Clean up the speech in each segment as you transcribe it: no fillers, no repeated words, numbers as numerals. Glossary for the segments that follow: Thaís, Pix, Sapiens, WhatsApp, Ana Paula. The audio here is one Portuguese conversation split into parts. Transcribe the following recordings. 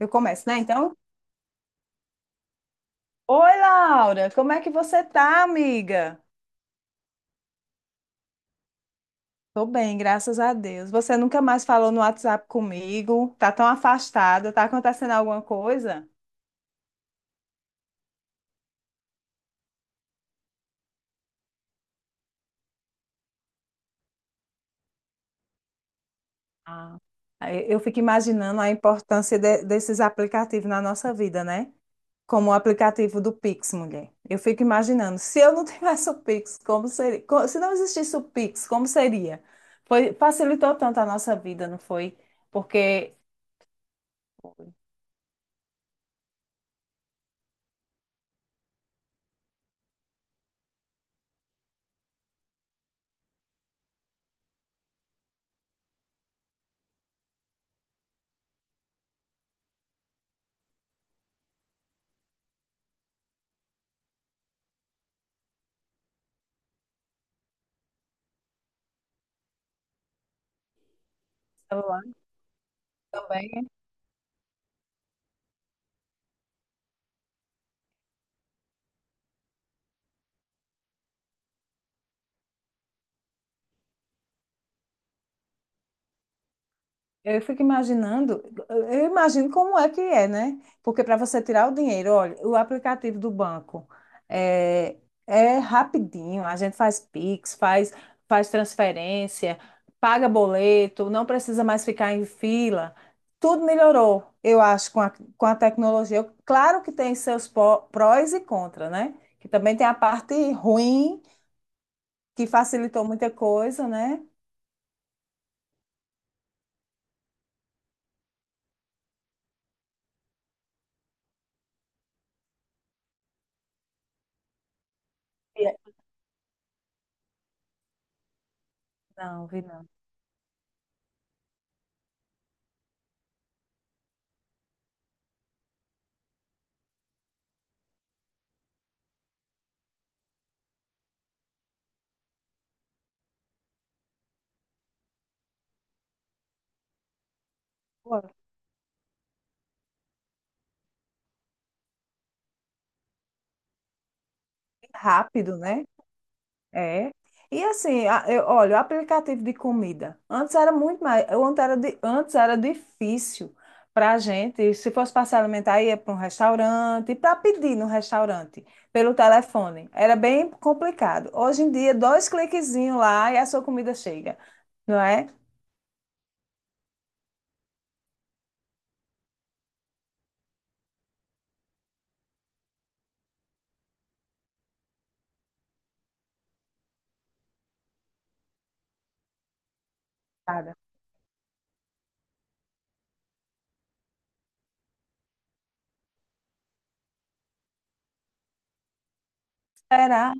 Eu começo, né? Então, oi, Laura, como é que você tá, amiga? Tô bem, graças a Deus. Você nunca mais falou no WhatsApp comigo, tá tão afastada, tá acontecendo alguma coisa? Ah. Aí eu fico imaginando a importância desses aplicativos na nossa vida, né? Como o aplicativo do Pix, mulher. Eu fico imaginando, se eu não tivesse o Pix, como seria? Se não existisse o Pix, como seria? Foi, facilitou tanto a nossa vida, não foi? Porque celular também. Eu fico imaginando, eu imagino como é que é, né? Porque para você tirar o dinheiro, olha, o aplicativo do banco é, é rapidinho, a gente faz Pix, faz transferência, paga boleto, não precisa mais ficar em fila. Tudo melhorou, eu acho, com a tecnologia. Claro que tem seus prós e contras, né? Que também tem a parte ruim, que facilitou muita coisa, né? E- Não, vi não. Pô, que rápido, né? É. E assim, eu, olha, o aplicativo de comida. Antes era muito mais. Antes era difícil para a gente. Se fosse para se alimentar, ia para um restaurante, para pedir no restaurante, pelo telefone. Era bem complicado. Hoje em dia, dois cliquezinhos lá e a sua comida chega, não é? Cara, será?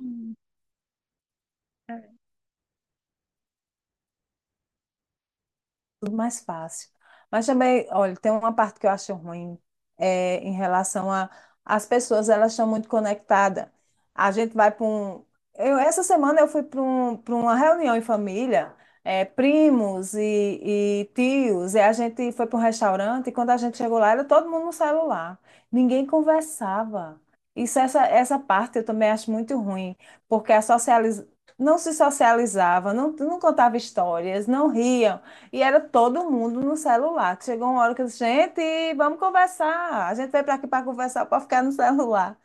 Tudo mais fácil. Mas também, olha, tem uma parte que eu acho ruim em relação a as pessoas, elas estão muito conectadas. A gente vai para um. Eu, essa semana eu fui para uma reunião em família, primos e tios, e a gente foi para um restaurante, e quando a gente chegou lá, era todo mundo no celular. Ninguém conversava. Isso, essa parte eu também acho muito ruim, porque não se socializava, não contava histórias, não ria. E era todo mundo no celular. Chegou uma hora que eu disse, gente, vamos conversar. A gente veio para aqui para conversar, para ficar no celular.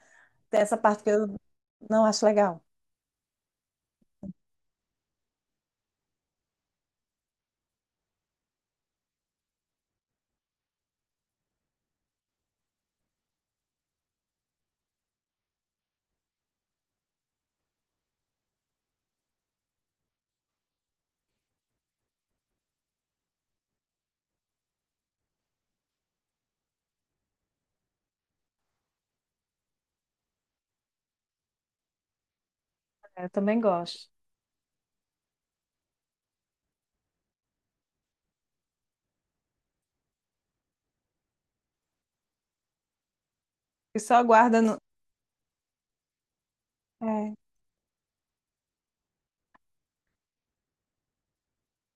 Tem essa parte que eu não acho legal. É, eu também gosto. E só guarda no... É.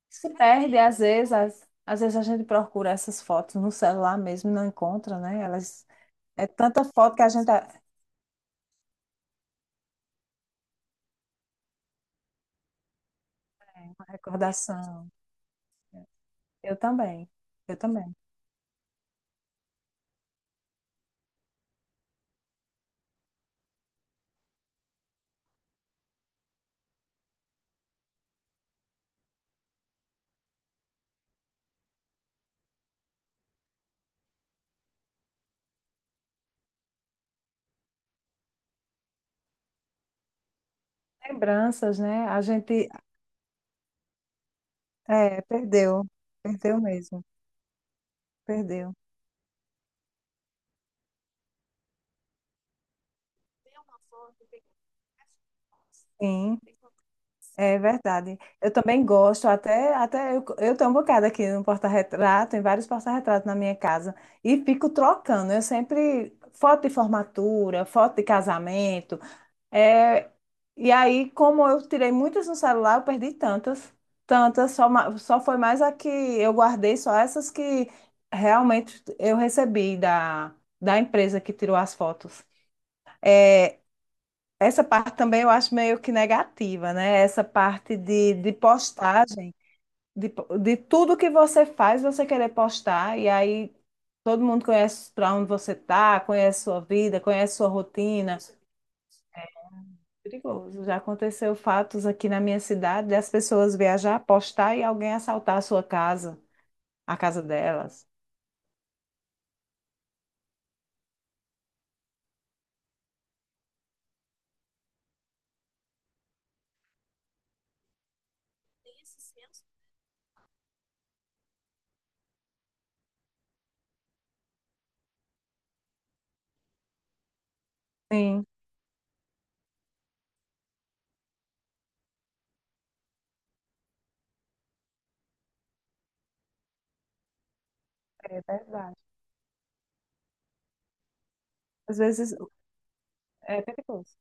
Se perde, às vezes, às vezes a gente procura essas fotos no celular mesmo e não encontra, né? Elas... É tanta foto que a gente... é. Uma recordação. Eu também. Eu também. Lembranças, né? A gente... É, perdeu. Perdeu mesmo. Perdeu. Sim, é verdade. Eu também gosto, até eu tenho um bocado aqui no porta-retrato, em vários porta-retratos na minha casa, e fico trocando. Eu sempre, foto de formatura, foto de casamento. É, e aí, como eu tirei muitas no celular, eu perdi tantas, tantas, só, só foi mais a que eu guardei, só essas que realmente eu recebi da empresa que tirou as fotos. É, essa parte também eu acho meio que negativa, né? Essa parte de postagem, de tudo que você faz, você querer postar, e aí todo mundo conhece para onde você tá, conhece sua vida, conhece sua rotina. Isso é. Perigoso. Já aconteceu fatos aqui na minha cidade das pessoas viajar, postar e alguém assaltar a sua casa, a casa delas. Sim, é verdade. Às vezes é perigoso.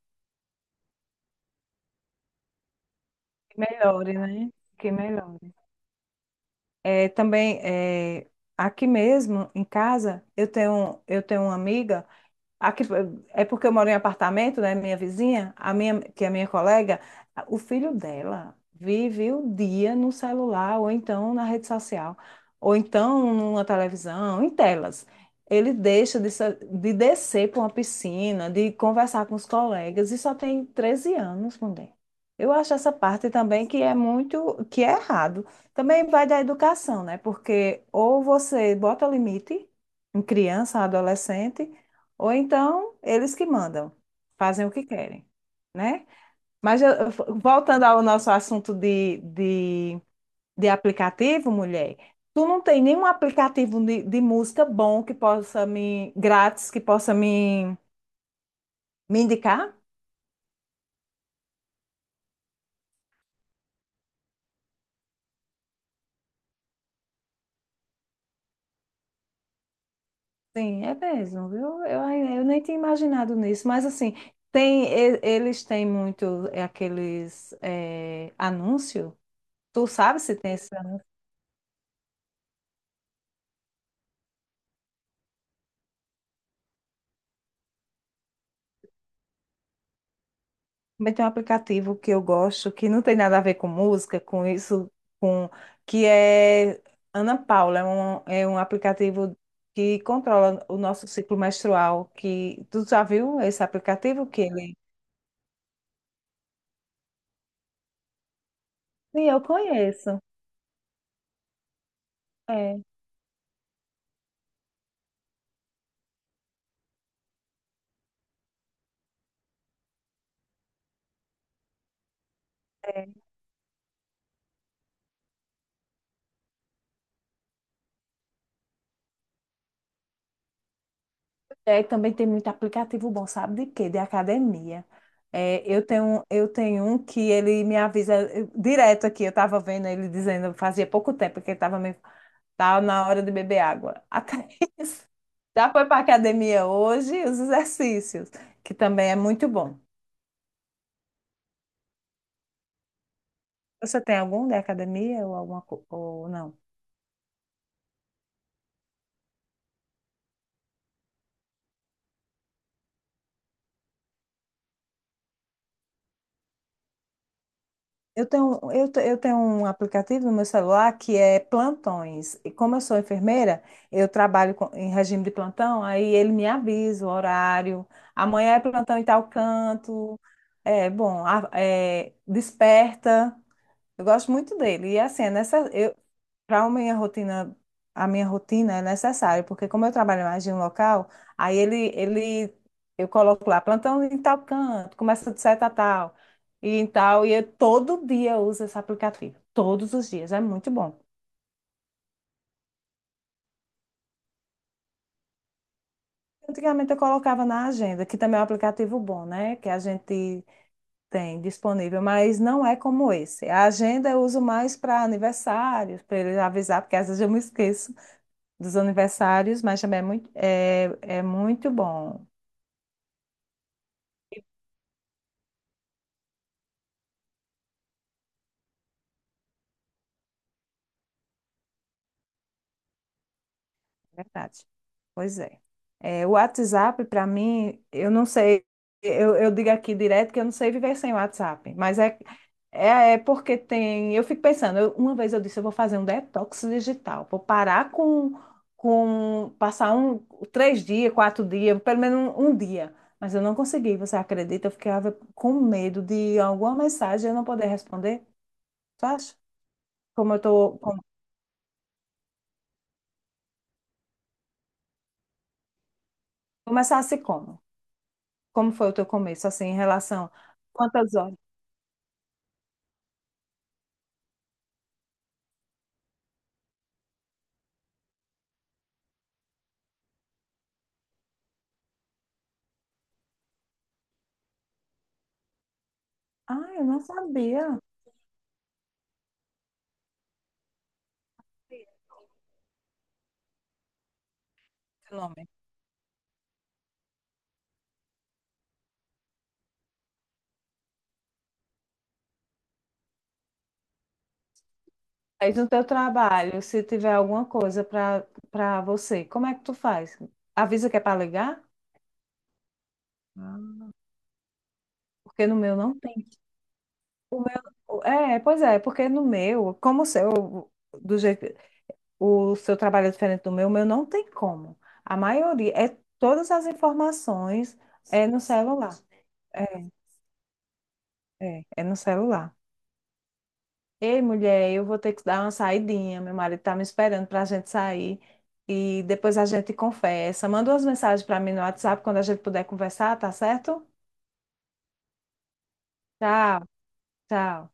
Que melhore, né? Que melhore. É, também é, aqui mesmo em casa eu tenho uma amiga. Aqui, é porque eu moro em apartamento, né? Minha vizinha, a minha, que é minha colega, o filho dela vive o dia no celular, ou então na rede social, ou então numa televisão, em telas. Ele deixa de descer para uma piscina, de conversar com os colegas, e só tem 13 anos, mulher. Eu acho essa parte também que é muito, que é errado. Também vai da educação, né? Porque ou você bota limite em criança, adolescente, ou então, eles que mandam, fazem o que querem, né? Mas voltando ao nosso assunto de aplicativo, mulher, tu não tem nenhum aplicativo de música bom que possa me, grátis, que possa me indicar? Sim, é mesmo, viu? Eu nem tinha imaginado nisso, mas assim, tem, eles têm muito aqueles anúncios. Tu sabe se tem esse. Também tem um aplicativo que eu gosto, que não tem nada a ver com música, com isso, com que é Ana Paula, é um aplicativo que controla o nosso ciclo menstrual, que tu já viu esse aplicativo que ele... Sim, eu conheço. É, é, também tem muito aplicativo bom, sabe de quê? De academia. É, eu tenho um que ele me avisa direto aqui, eu estava vendo ele dizendo, fazia pouco tempo que ele estava me tá na hora de beber água. A Thaís já foi para academia hoje, os exercícios, que também é muito bom. Você tem algum da academia ou alguma ou não? Eu tenho um aplicativo no meu celular que é plantões. E como eu sou enfermeira, eu trabalho em regime de plantão, aí ele me avisa o horário. Amanhã é plantão em tal canto. É bom, desperta. Eu gosto muito dele. E assim, é nessa, eu, para a minha rotina é necessário, porque como eu trabalho mais de um local, aí eu coloco lá, plantão em tal canto, começa de seta a tal, e em tal, e eu todo dia eu uso esse aplicativo. Todos os dias, é muito bom. Antigamente eu colocava na agenda, que também é um aplicativo bom, né? Que a gente tem disponível, mas não é como esse. A agenda eu uso mais para aniversários, para ele avisar, porque às vezes eu me esqueço dos aniversários, mas também é muito, é muito bom, é verdade. Pois é. É, o WhatsApp, para mim, eu não sei, eu digo aqui direto que eu não sei viver sem o WhatsApp, mas é, é porque tem. Eu fico pensando, uma vez eu disse, eu vou fazer um detox digital, vou parar com passar 3 dias, 4 dias, pelo menos um dia. Mas eu não consegui, você acredita? Eu ficava com medo de alguma mensagem eu não poder responder, tu acha? Como eu tô, começasse como? Como foi o teu começo, assim, em relação... Quantas horas? Ah, eu não sabia o nome. Aí no teu trabalho, se tiver alguma coisa para você, como é que tu faz? Avisa que é para ligar? Ah. Porque no meu não tem. O meu... É, pois é, porque no meu, como o seu, do jeito, o seu trabalho é diferente do meu, o meu não tem como. A maioria, é todas as informações é no celular. É, é no celular. Ei, mulher, eu vou ter que dar uma saidinha. Meu marido tá me esperando para a gente sair e depois a gente conversa. Manda umas mensagens para mim no WhatsApp quando a gente puder conversar, tá certo? Tchau, tchau.